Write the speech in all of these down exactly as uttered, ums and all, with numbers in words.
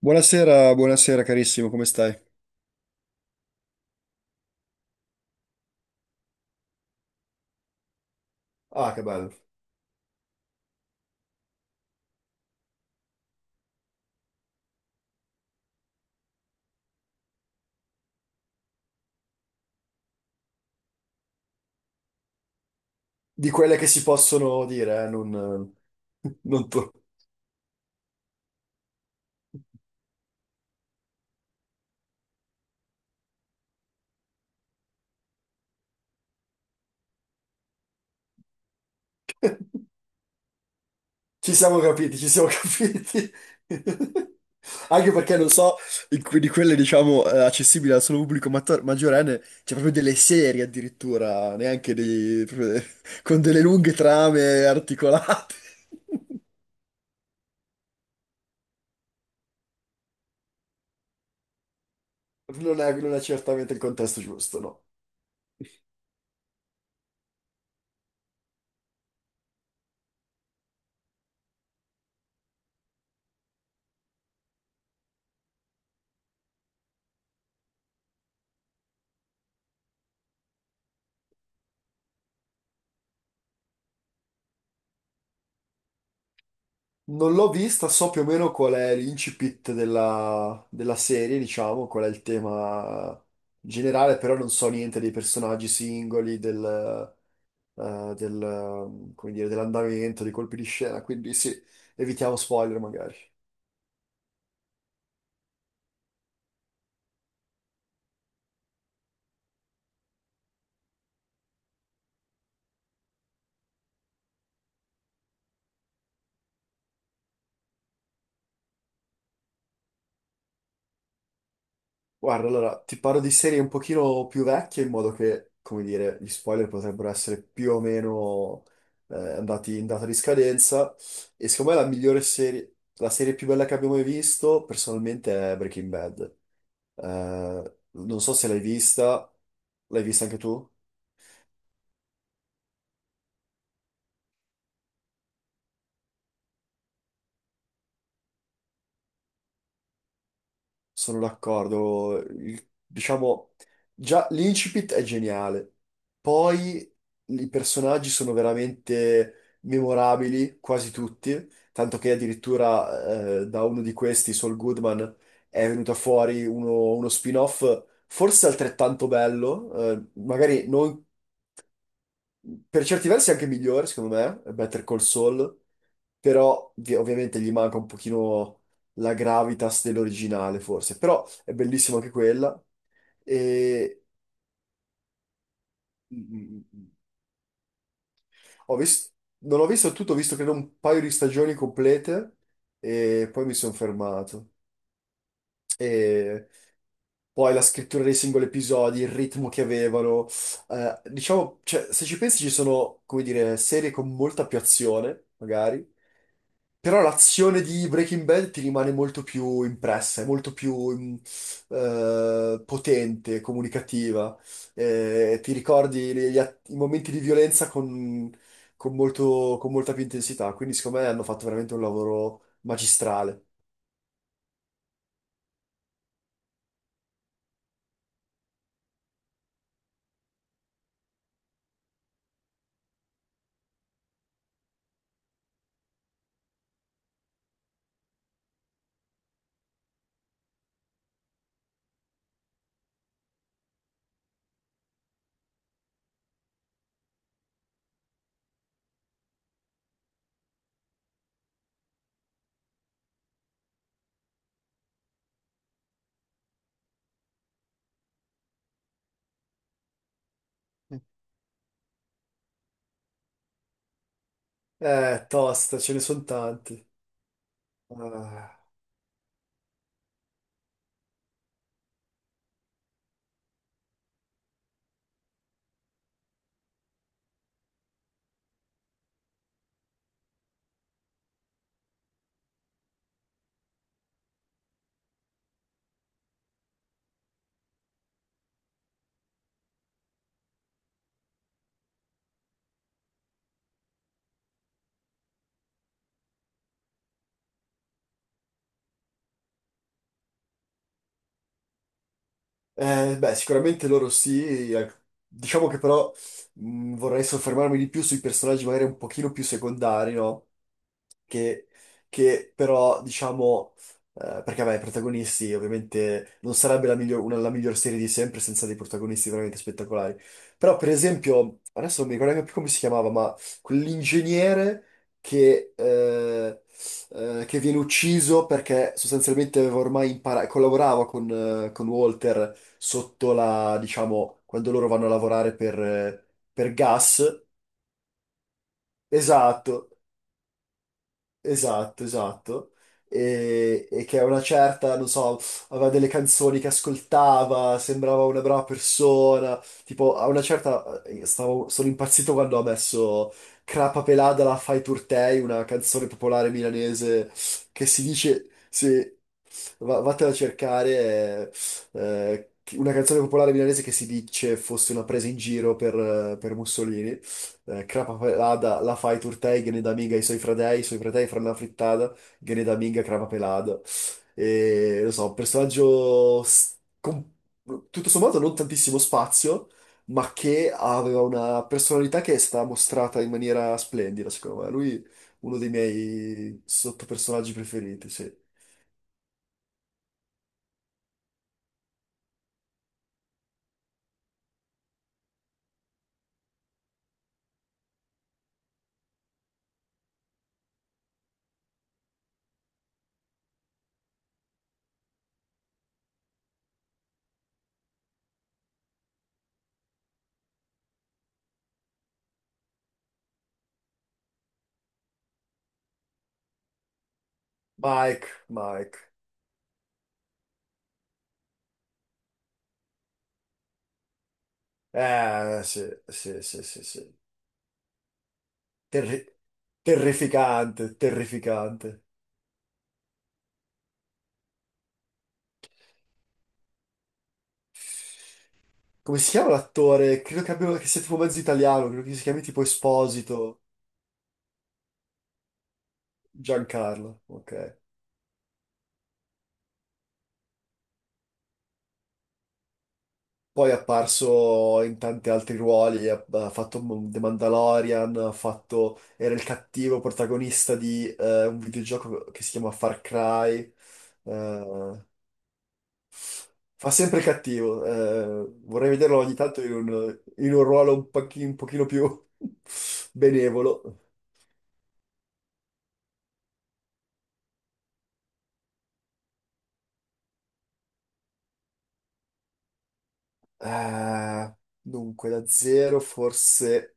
Buonasera, buonasera carissimo, come stai? Ah, che bello. Di quelle che si possono dire, eh, non, eh, non tu. Ci siamo capiti, ci siamo capiti. Anche perché non so, In que- di quelle, diciamo, eh, accessibili al solo pubblico mat- maggiorenne, c'è proprio delle serie addirittura, neanche dei... proprio- con delle lunghe trame articolate. Non è, non è certamente il contesto giusto, no. Non l'ho vista, so più o meno qual è l'incipit della, della serie, diciamo, qual è il tema generale, però non so niente dei personaggi singoli, del, eh, del, come dire, dell'andamento, dei colpi di scena, quindi sì, evitiamo spoiler magari. Guarda, allora, ti parlo di serie un pochino più vecchie in modo che, come dire, gli spoiler potrebbero essere più o meno eh, andati in data di scadenza. E secondo me la migliore serie, la serie più bella che abbiamo mai visto, personalmente, è Breaking Bad. Eh, non so se l'hai vista, l'hai vista anche tu? Sono d'accordo. Il- Diciamo, già l'incipit è geniale. Poi i personaggi sono veramente memorabili, quasi tutti, tanto che addirittura eh, da uno di questi, Saul Goodman, è venuto fuori uno, uno spin-off forse altrettanto bello, eh, magari non per certi versi è anche migliore, secondo me, Better Call Saul, però vi- ovviamente gli manca un pochino la gravitas dell'originale, forse, però è bellissima anche quella. E mm, ho vis- Non ho visto tutto, ho visto credo un paio di stagioni complete e poi mi sono fermato. E poi la scrittura dei singoli episodi, il ritmo che avevano. Eh, diciamo, cioè, se ci pensi ci sono, come dire, serie con molta più azione, magari, però l'azione di Breaking Bad ti rimane molto più impressa, è molto più mm, eh, potente, comunicativa. Eh, ti ricordi le- gli att- i momenti di violenza con, con molto- con molta più intensità, quindi secondo me hanno fatto veramente un lavoro magistrale. Eh, tosta, ce ne sono tanti. Ah. Eh, beh, sicuramente loro sì. al- Diciamo che però mh, vorrei soffermarmi di più sui personaggi magari un pochino più secondari, no? che, che però diciamo, eh, Perché vabbè, i protagonisti ovviamente non sarebbe la miglior, una, la miglior serie di sempre senza dei protagonisti veramente spettacolari, però per esempio, adesso non mi ricordo neanche più come si chiamava, ma quell'ingegnere che, eh, eh, che viene ucciso perché sostanzialmente aveva ormai imparato, collaborava con, eh, con Walter sotto la, diciamo, quando loro vanno a lavorare per, eh, per gas. Esatto. Esatto, esatto. E, e che a una certa, non so, aveva delle canzoni che ascoltava, sembrava una brava persona. Tipo, a una certa, eh, stavo- sono impazzito quando ha messo Crapa Pelada la Fai Turtei, una canzone popolare milanese che si dice, sì, va- vattene a cercare eh, chi- una canzone popolare milanese che si dice fosse una presa in giro per, eh, per Mussolini. Eh, crapa pelada, la fai turtei, gene da minga i suoi fratei, i suoi fratei fra una frittata, gene da minga crapa pelada. E, lo so, un personaggio s- con tutto sommato non tantissimo spazio, ma che aveva una personalità che è stata mostrata in maniera splendida, secondo me. Lui uno dei miei sottopersonaggi preferiti, sì. Mike, Mike. Eh, sì, sì, sì, sì, sì. Terri- terrificante, terrificante. Come si chiama l'attore? Credo che abbia, che sia tipo mezzo italiano, credo che si chiami tipo Esposito, Giancarlo, ok. Poi è apparso in tanti altri ruoli, ha, ha fatto The Mandalorian, ha fatto, era il cattivo protagonista di eh, un videogioco che si chiama Far Cry. Eh, Fa sempre cattivo, eh, vorrei vederlo ogni tanto in un, in un ruolo un pochi- un pochino più benevolo. Eh, dunque, da zero forse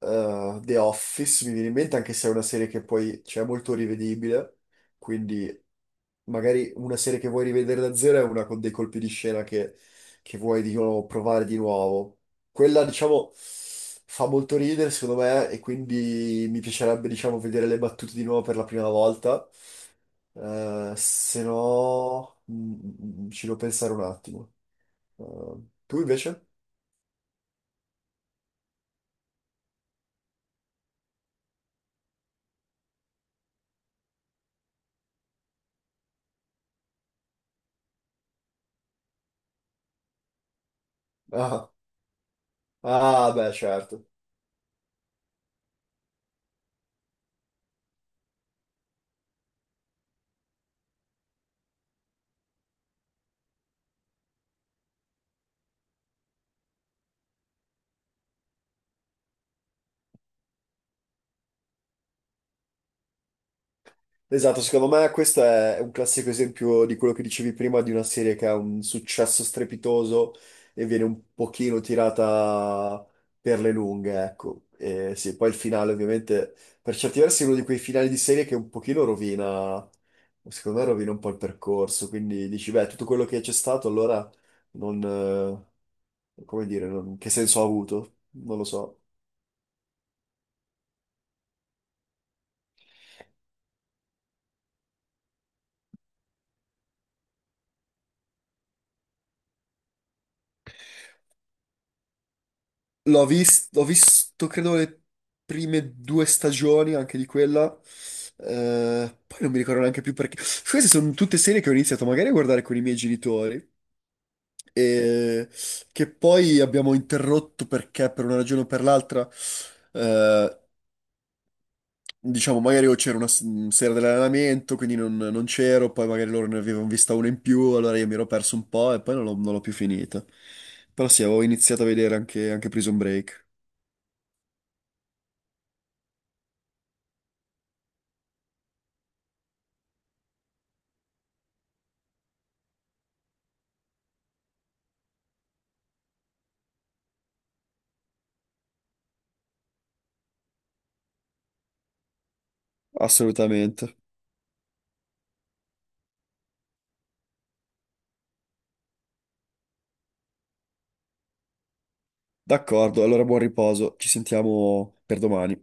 eh, The Office mi viene in mente, anche se è una serie che poi cioè, è molto rivedibile, quindi magari una serie che vuoi rivedere da zero è una con dei colpi di scena che, che vuoi di nuovo provare di nuovo. Quella, diciamo, fa molto ridere, secondo me, e quindi mi piacerebbe, diciamo, vedere le battute di nuovo per la prima volta. Eh, se no, mm, mm, mm, ci devo pensare un attimo. Eh, tu invece? Ah, ah, beh, certo. Esatto, secondo me questo è un classico esempio di quello che dicevi prima di una serie che ha un successo strepitoso e viene un pochino tirata per le lunghe, ecco. E sì, poi il finale ovviamente per certi versi è uno di quei finali di serie che un pochino rovina, secondo me rovina un po' il percorso, quindi dici, beh, tutto quello che c'è stato allora non, eh, come dire, non- che senso ha avuto? Non lo so. L'ho vis- ho visto, credo, le prime due stagioni anche di quella. Eh, poi non mi ricordo neanche più perché. Queste sono tutte serie che ho iniziato magari a guardare con i miei genitori e che poi abbiamo interrotto perché per una ragione o per l'altra, eh, diciamo, magari o c'era una s- mh, sera dell'allenamento, quindi non, non c'ero, poi magari loro ne avevano vista una in più, allora io mi ero perso un po' e poi non l'ho non l'ho più finita. Però sì, avevo iniziato a vedere anche, anche Prison Break. Assolutamente. D'accordo, allora buon riposo, ci sentiamo per domani.